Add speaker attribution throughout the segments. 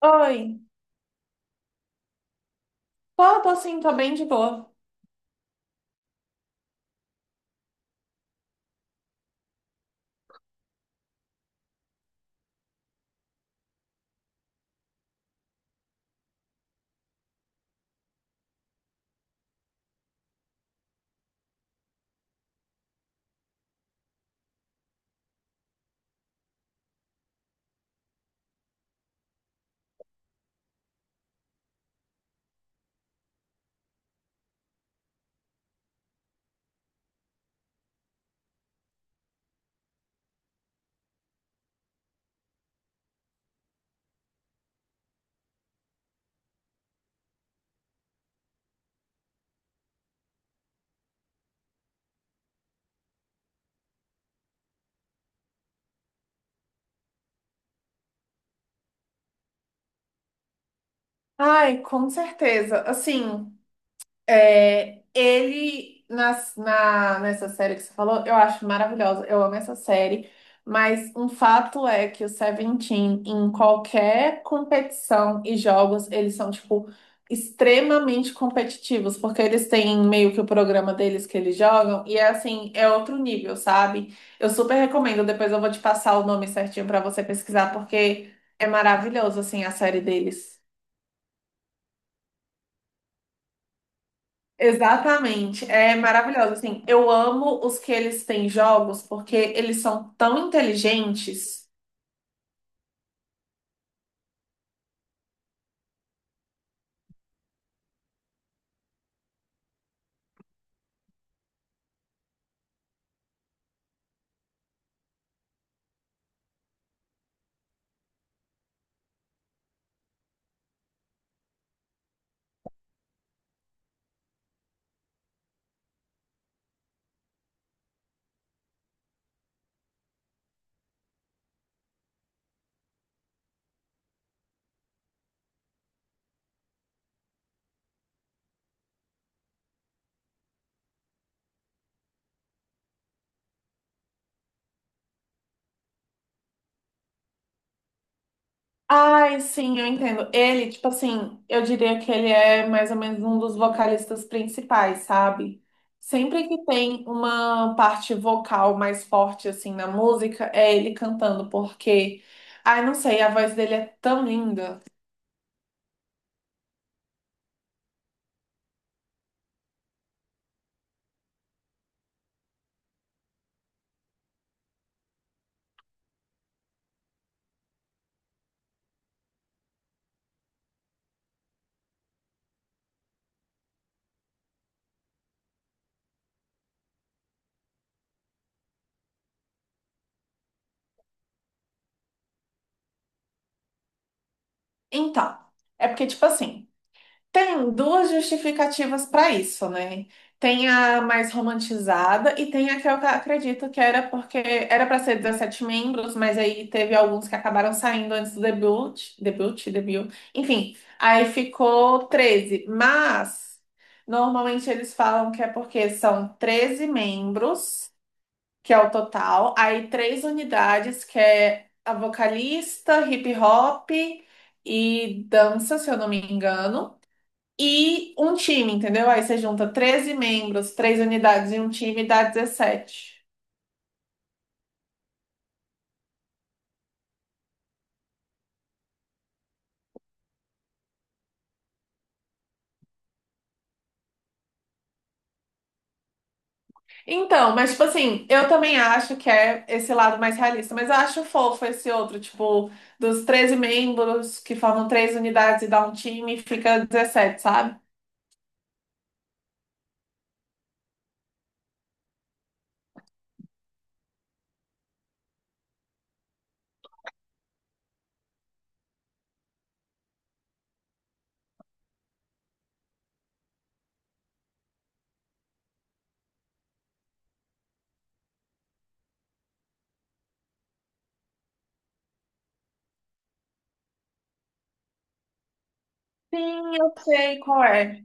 Speaker 1: Oi, tô sim, tô bem de boa. Ai, com certeza. Assim, é, ele, nessa série que você falou, eu acho maravilhosa, eu amo essa série, mas um fato é que o Seventeen, em qualquer competição e jogos, eles são, tipo, extremamente competitivos, porque eles têm meio que o programa deles que eles jogam, e é assim, é outro nível, sabe? Eu super recomendo, depois eu vou te passar o nome certinho pra você pesquisar, porque é maravilhoso, assim, a série deles. Exatamente, é maravilhoso. Assim, eu amo os que eles têm jogos porque eles são tão inteligentes. Ai, sim, eu entendo. Ele, tipo assim, eu diria que ele é mais ou menos um dos vocalistas principais, sabe? Sempre que tem uma parte vocal mais forte, assim, na música, é ele cantando, porque, ai, não sei, a voz dele é tão linda. Então, é porque, tipo assim, tem duas justificativas para isso, né? Tem a mais romantizada e tem a que eu acredito que era porque era para ser 17 membros, mas aí teve alguns que acabaram saindo antes do debut. Enfim, aí ficou 13. Mas normalmente eles falam que é porque são 13 membros, que é o total, aí três unidades, que é a vocalista, hip hop e dança, se eu não me engano, e um time, entendeu? Aí você junta 13 membros, três unidades e um time e dá 17. Então, mas tipo assim, eu também acho que é esse lado mais realista, mas eu acho fofo esse outro, tipo, dos 13 membros que formam três unidades e dá um time, fica 17, sabe? Sim, eu sei qual é.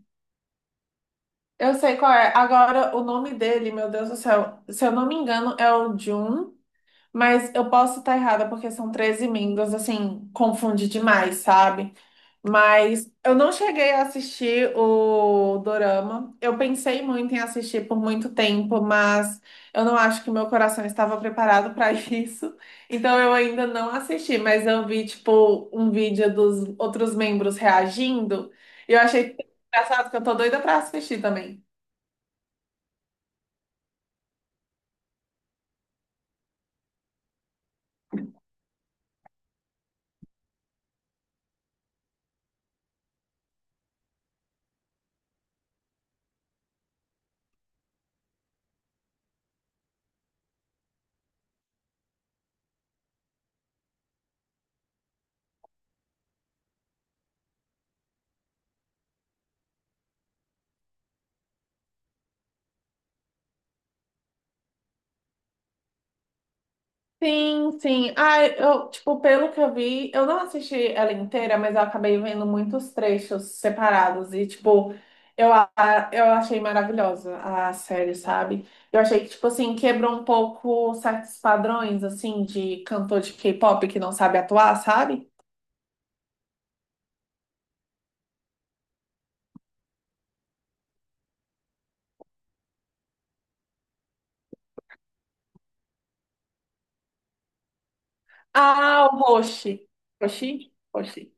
Speaker 1: Eu sei qual é. Agora, o nome dele, meu Deus do céu, se eu não me engano, é o Jun, mas eu posso estar errada porque são 13 membros, assim, confunde demais, sabe? Mas eu não cheguei a assistir o Dorama. Eu pensei muito em assistir por muito tempo, mas eu não acho que meu coração estava preparado para isso. Então eu ainda não assisti, mas eu vi, tipo, um vídeo dos outros membros reagindo. E eu achei engraçado que eu tô doida para assistir também. Sim, sim. Ah, eu, tipo, pelo que eu vi, eu não assisti ela inteira, mas eu acabei vendo muitos trechos separados e, tipo, eu, a- eu achei maravilhosa a série, sabe? Eu achei que, tipo assim, quebrou um pouco certos padrões, assim, de cantor de K-pop que não sabe atuar, sabe? Ah, o Roshi. Roshi? Roshi.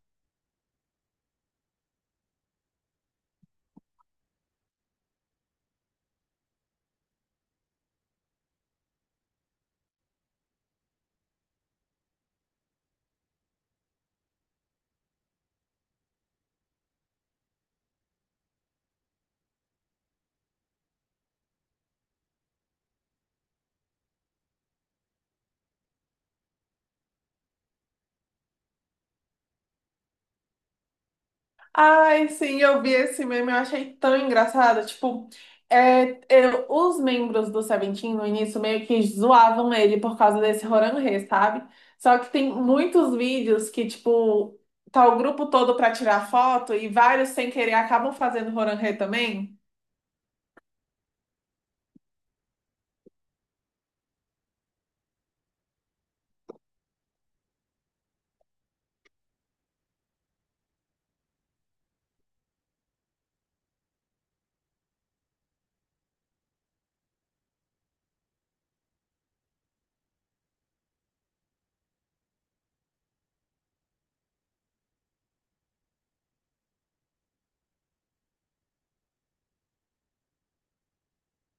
Speaker 1: Ai, sim, eu vi esse meme, eu achei tão engraçado. Tipo, é, os membros do Seventeen no início meio que zoavam ele por causa desse Roranrê, sabe? Só que tem muitos vídeos que, tipo, tá o grupo todo pra tirar foto e vários sem querer acabam fazendo Roranrê também.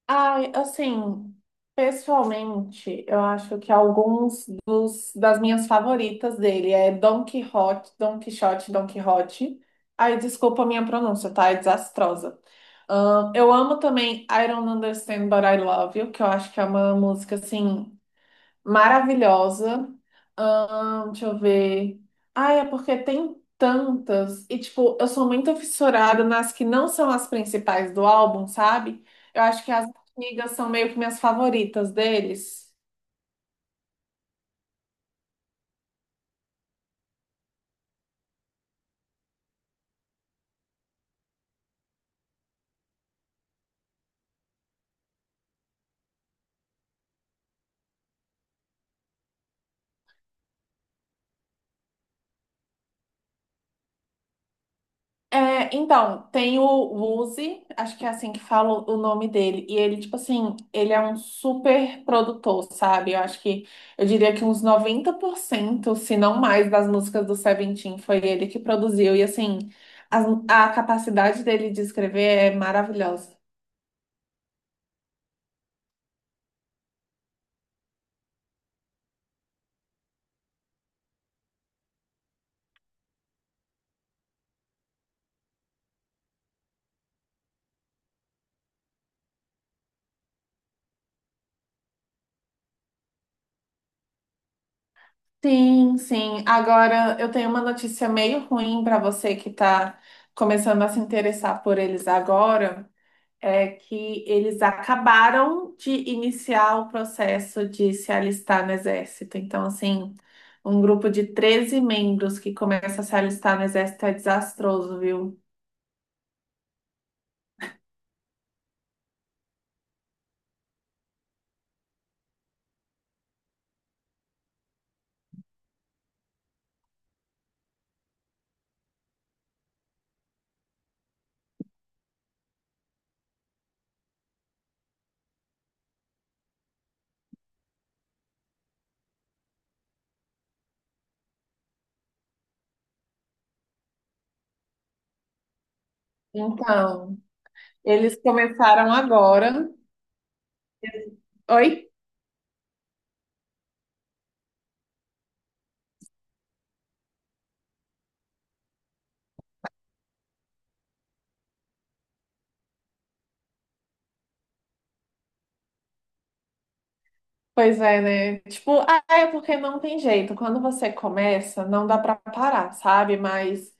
Speaker 1: Ai, assim, pessoalmente, eu acho que alguns das minhas favoritas dele é Don Quixote, Don Quixote, Don Quixote. Ai, desculpa a minha pronúncia, tá? É desastrosa. Eu amo também I Don't Understand But I Love You, que eu acho que é uma música, assim, maravilhosa. Deixa eu ver. Ah, é porque tem tantas. E, tipo, eu sou muito fissurada nas que não são as principais do álbum, sabe? Eu acho que as antigas são meio que minhas favoritas deles. É, então, tem o Uzi, acho que é assim que fala o nome dele. E ele, tipo assim, ele é um super produtor, sabe? Eu acho que, eu diria que uns 90%, se não mais, das músicas do Seventeen foi ele que produziu. E, assim, capacidade dele de escrever é maravilhosa. Sim, sim. Agora, eu tenho uma notícia meio ruim para você que está começando a se interessar por eles agora. É que eles acabaram de iniciar o processo de se alistar no exército. Então, assim, um grupo de 13 membros que começa a se alistar no exército é desastroso, viu? Então, eles começaram agora. Oi? Pois é, né? Tipo, ah, é porque não tem jeito. Quando você começa, não dá pra parar, sabe? Mas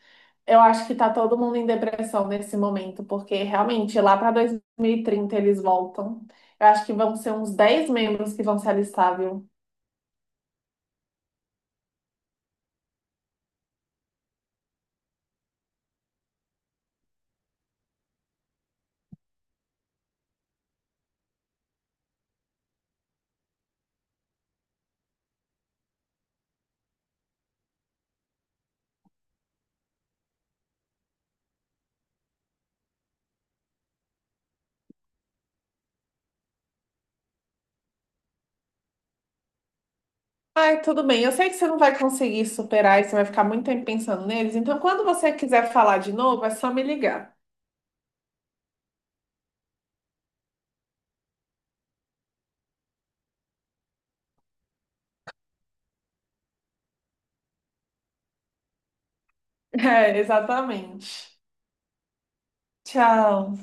Speaker 1: eu acho que tá todo mundo em depressão nesse momento, porque realmente lá pra 2030 eles voltam. Eu acho que vão ser uns 10 membros que vão se alistar, viu? Ai, tudo bem. Eu sei que você não vai conseguir superar e você vai ficar muito tempo pensando neles. Então, quando você quiser falar de novo, é só me ligar. É, exatamente. Tchau.